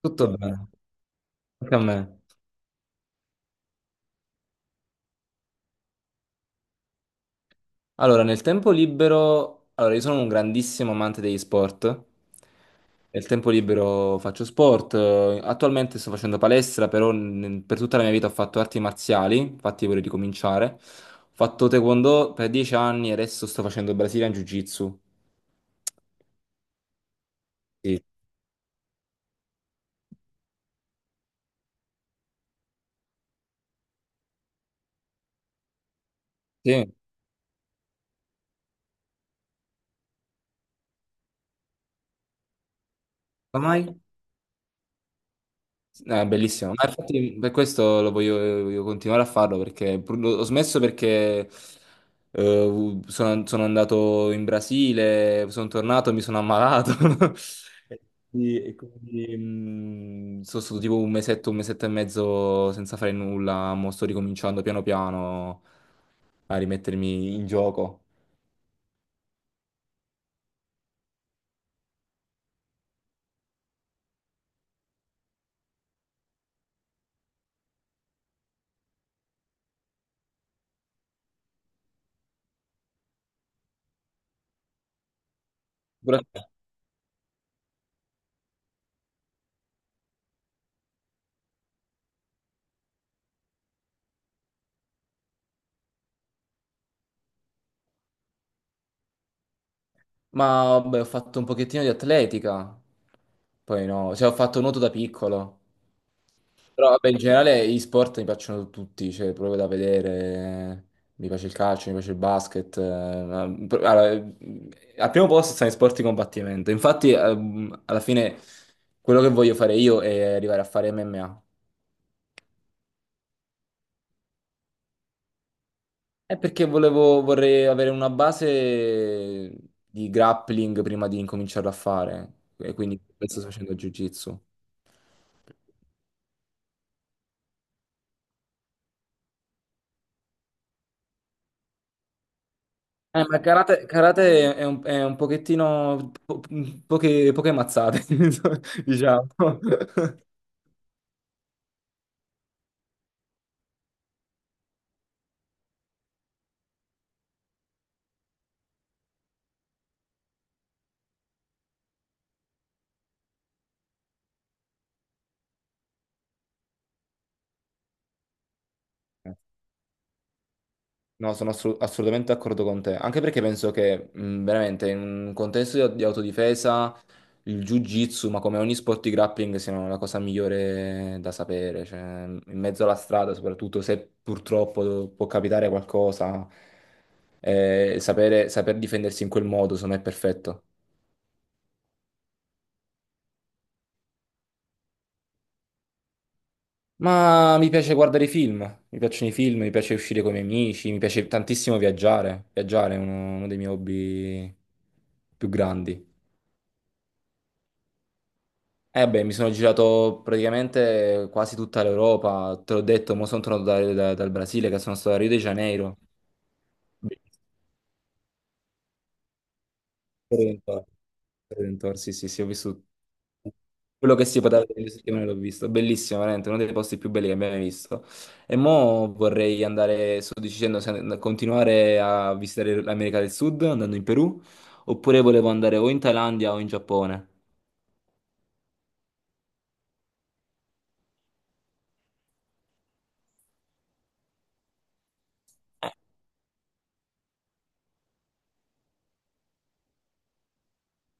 Tutto bene, anche a me. Allora, nel tempo libero, io sono un grandissimo amante degli sport. Nel tempo libero faccio sport. Attualmente sto facendo palestra, però per tutta la mia vita ho fatto arti marziali, infatti vorrei ricominciare. Ho fatto taekwondo per 10 anni e adesso sto facendo Brazilian Jiu-Jitsu. Sì. Sì. Come mai? Bellissimo, ma infatti per questo voglio continuare a farlo perché ho smesso perché sono andato in Brasile, sono tornato e mi sono ammalato e e quindi, sono stato tipo un mesetto e mezzo senza fare nulla, mo sto ricominciando piano piano a rimettermi in gioco. Però... Ma vabbè, ho fatto un pochettino di atletica, poi no, cioè ho fatto nuoto da piccolo. Però vabbè, in generale gli sport mi piacciono tutti, cioè proprio da vedere. Mi piace il calcio, mi piace il basket. Al primo posto stanno i sport di combattimento. Infatti, alla fine quello che voglio fare io è arrivare a fare MMA. È perché vorrei avere una base di grappling prima di incominciarlo a fare. E quindi questo sto facendo jiu-jitsu. Ma karate è è un pochettino poche, poche mazzate, diciamo. No, sono assolutamente d'accordo con te, anche perché penso che veramente in un contesto di autodifesa il jiu-jitsu, ma come ogni sport di grappling, siano la cosa migliore da sapere, cioè, in mezzo alla strada, soprattutto se purtroppo può capitare qualcosa, saper difendersi in quel modo, secondo me è perfetto. Ma mi piace guardare i film, mi piacciono i film, mi piace uscire con i miei amici, mi piace tantissimo viaggiare. Viaggiare è uno dei miei hobby più grandi. Eh beh, mi sono girato praticamente quasi tutta l'Europa, te l'ho detto, mo sono tornato dal Brasile, che sono stato a Rio de Janeiro. Bellissimo. Torre del Tor- Torre del Tor, sì, sì, sì, ho visto. Quello che si poteva vedere in settimane l'ho visto, bellissimo, veramente, uno dei posti più belli che abbiamo mai visto. E mo vorrei andare, sto dicendo, se continuare a visitare l'America del Sud andando in Perù, oppure volevo andare o in Thailandia o in Giappone.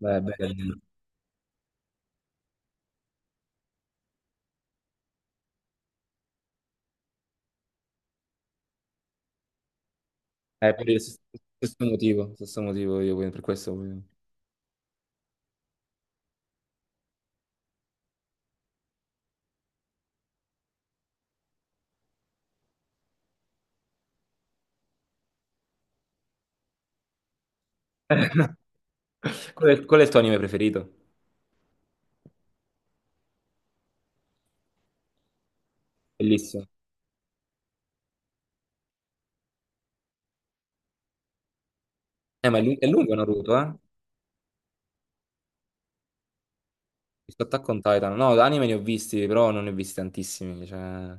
Beh, bene. Per il stesso motivo, stesso motivo io quindi per questo volevo... qual è il tuo anime preferito? Bellissimo. Ma è è lungo Naruto, eh? Visto Attack on Titan. No, anime ne ho visti, però non ne ho visti tantissimi. Cioè,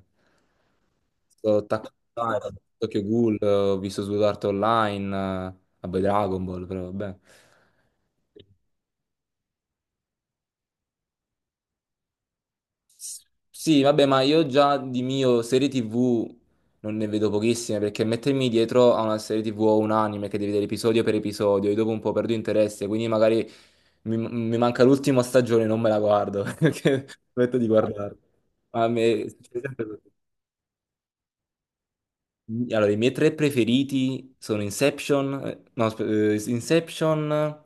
sto Attack on Titan, ho visto Tokyo Ghoul, ho visto Sword Art Online, eh, vabbè Dragon Ball, però vabbè. S- Sì, vabbè, ma io già di mio serie TV non ne vedo pochissime perché mettermi dietro a una serie TV o un anime che devi vedere episodio per episodio, io dopo un po' perdo interesse, quindi magari mi manca l'ultima stagione e non me la guardo perché smetto di guardarla. Ma a me succede sempre così. Allora, i miei tre preferiti sono Inception, no, aspe- Inception,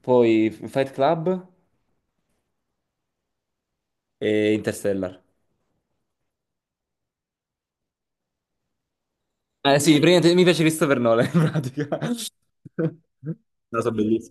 poi Fight Club e Interstellar. Eh sì, praticamente mi piace Christopher Nolan in pratica. No, so bellissimo.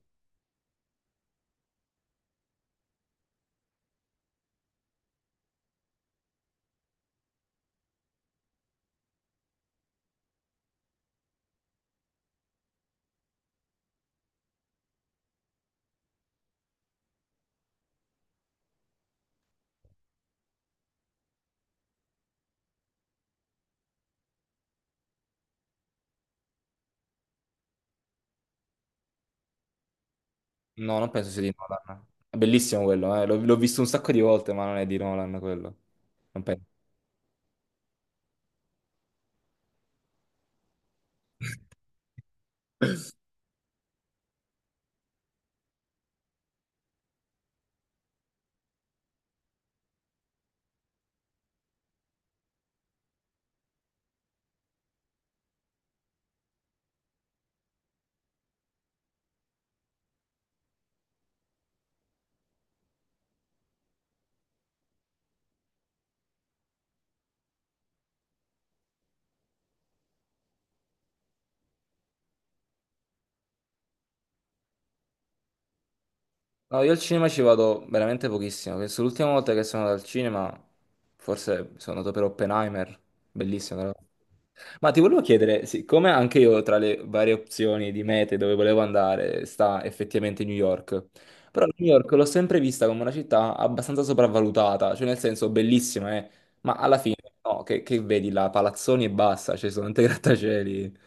No, non penso sia di Nolan. È bellissimo quello, l'ho visto un sacco di volte, ma non è di Nolan quello. Non penso. No, io al cinema ci vado veramente pochissimo. Penso l'ultima volta che sono andato al cinema, forse sono andato per Oppenheimer, bellissimo. Però. Ma ti volevo chiedere, siccome anche io tra le varie opzioni di mete dove volevo andare sta effettivamente New York, però New York l'ho sempre vista come una città abbastanza sopravvalutata, cioè nel senso bellissima, ma alla fine no, che vedi là, palazzoni e basta, ci sono tanti grattacieli.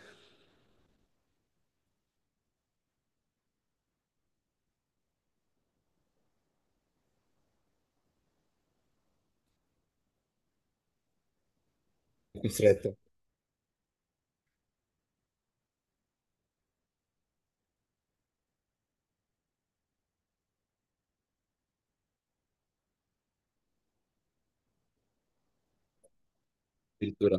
Costretto. Addirittura.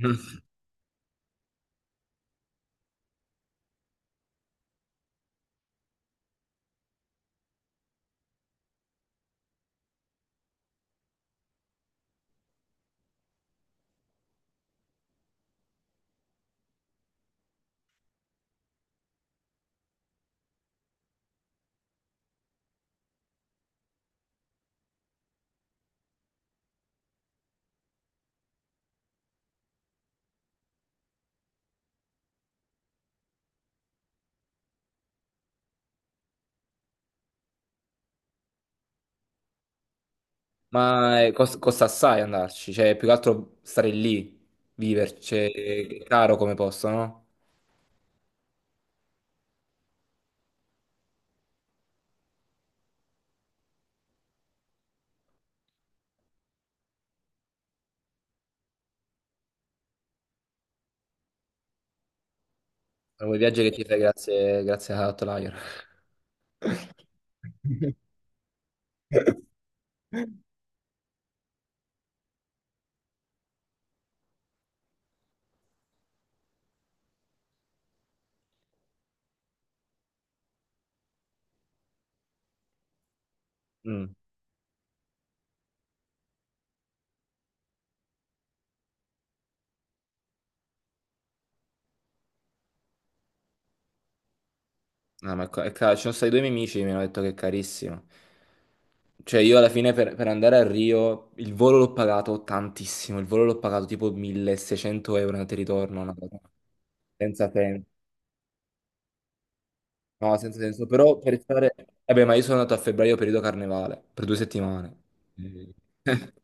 Ma costa assai andarci, cioè più che altro stare lì, viverci, cioè, è caro come posto, no? È un viaggio che ti fai grazie a Outlier. Mm. No, ma è è caro. Ci sono stati due miei amici che mi hanno detto che è carissimo. Cioè io alla fine per andare a Rio il volo l'ho pagato tantissimo, il volo l'ho pagato tipo 1600 € andata e ritorno, una cosa senza senso. No, senza senso. Però per stare... Vabbè, ma io sono andato a febbraio periodo carnevale, per due settimane. Eh.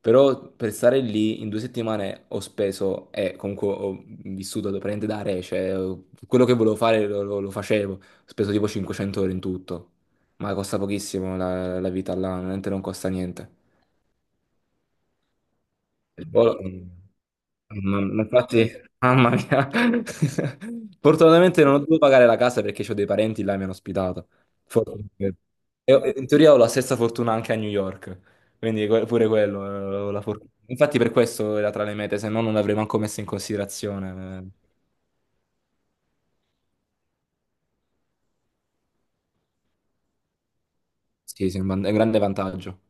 Però per stare lì in due settimane ho speso, e comunque ho vissuto praticamente da re, cioè quello che volevo fare lo facevo. Ho speso tipo 500 ore in tutto. Ma costa pochissimo la vita là, veramente non costa niente. Il volo... Mamma mia, infatti, mamma mia. Fortunatamente non ho dovuto pagare la casa perché ho dei parenti là e mi hanno ospitato. Fortunatamente. E in teoria ho la stessa fortuna anche a New York, quindi pure quello, ho la fortuna. Infatti per questo era tra le mete, se no non l'avrei manco messo in considerazione. Sì, sì, è un è un grande vantaggio.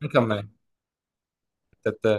Anche a me. A te.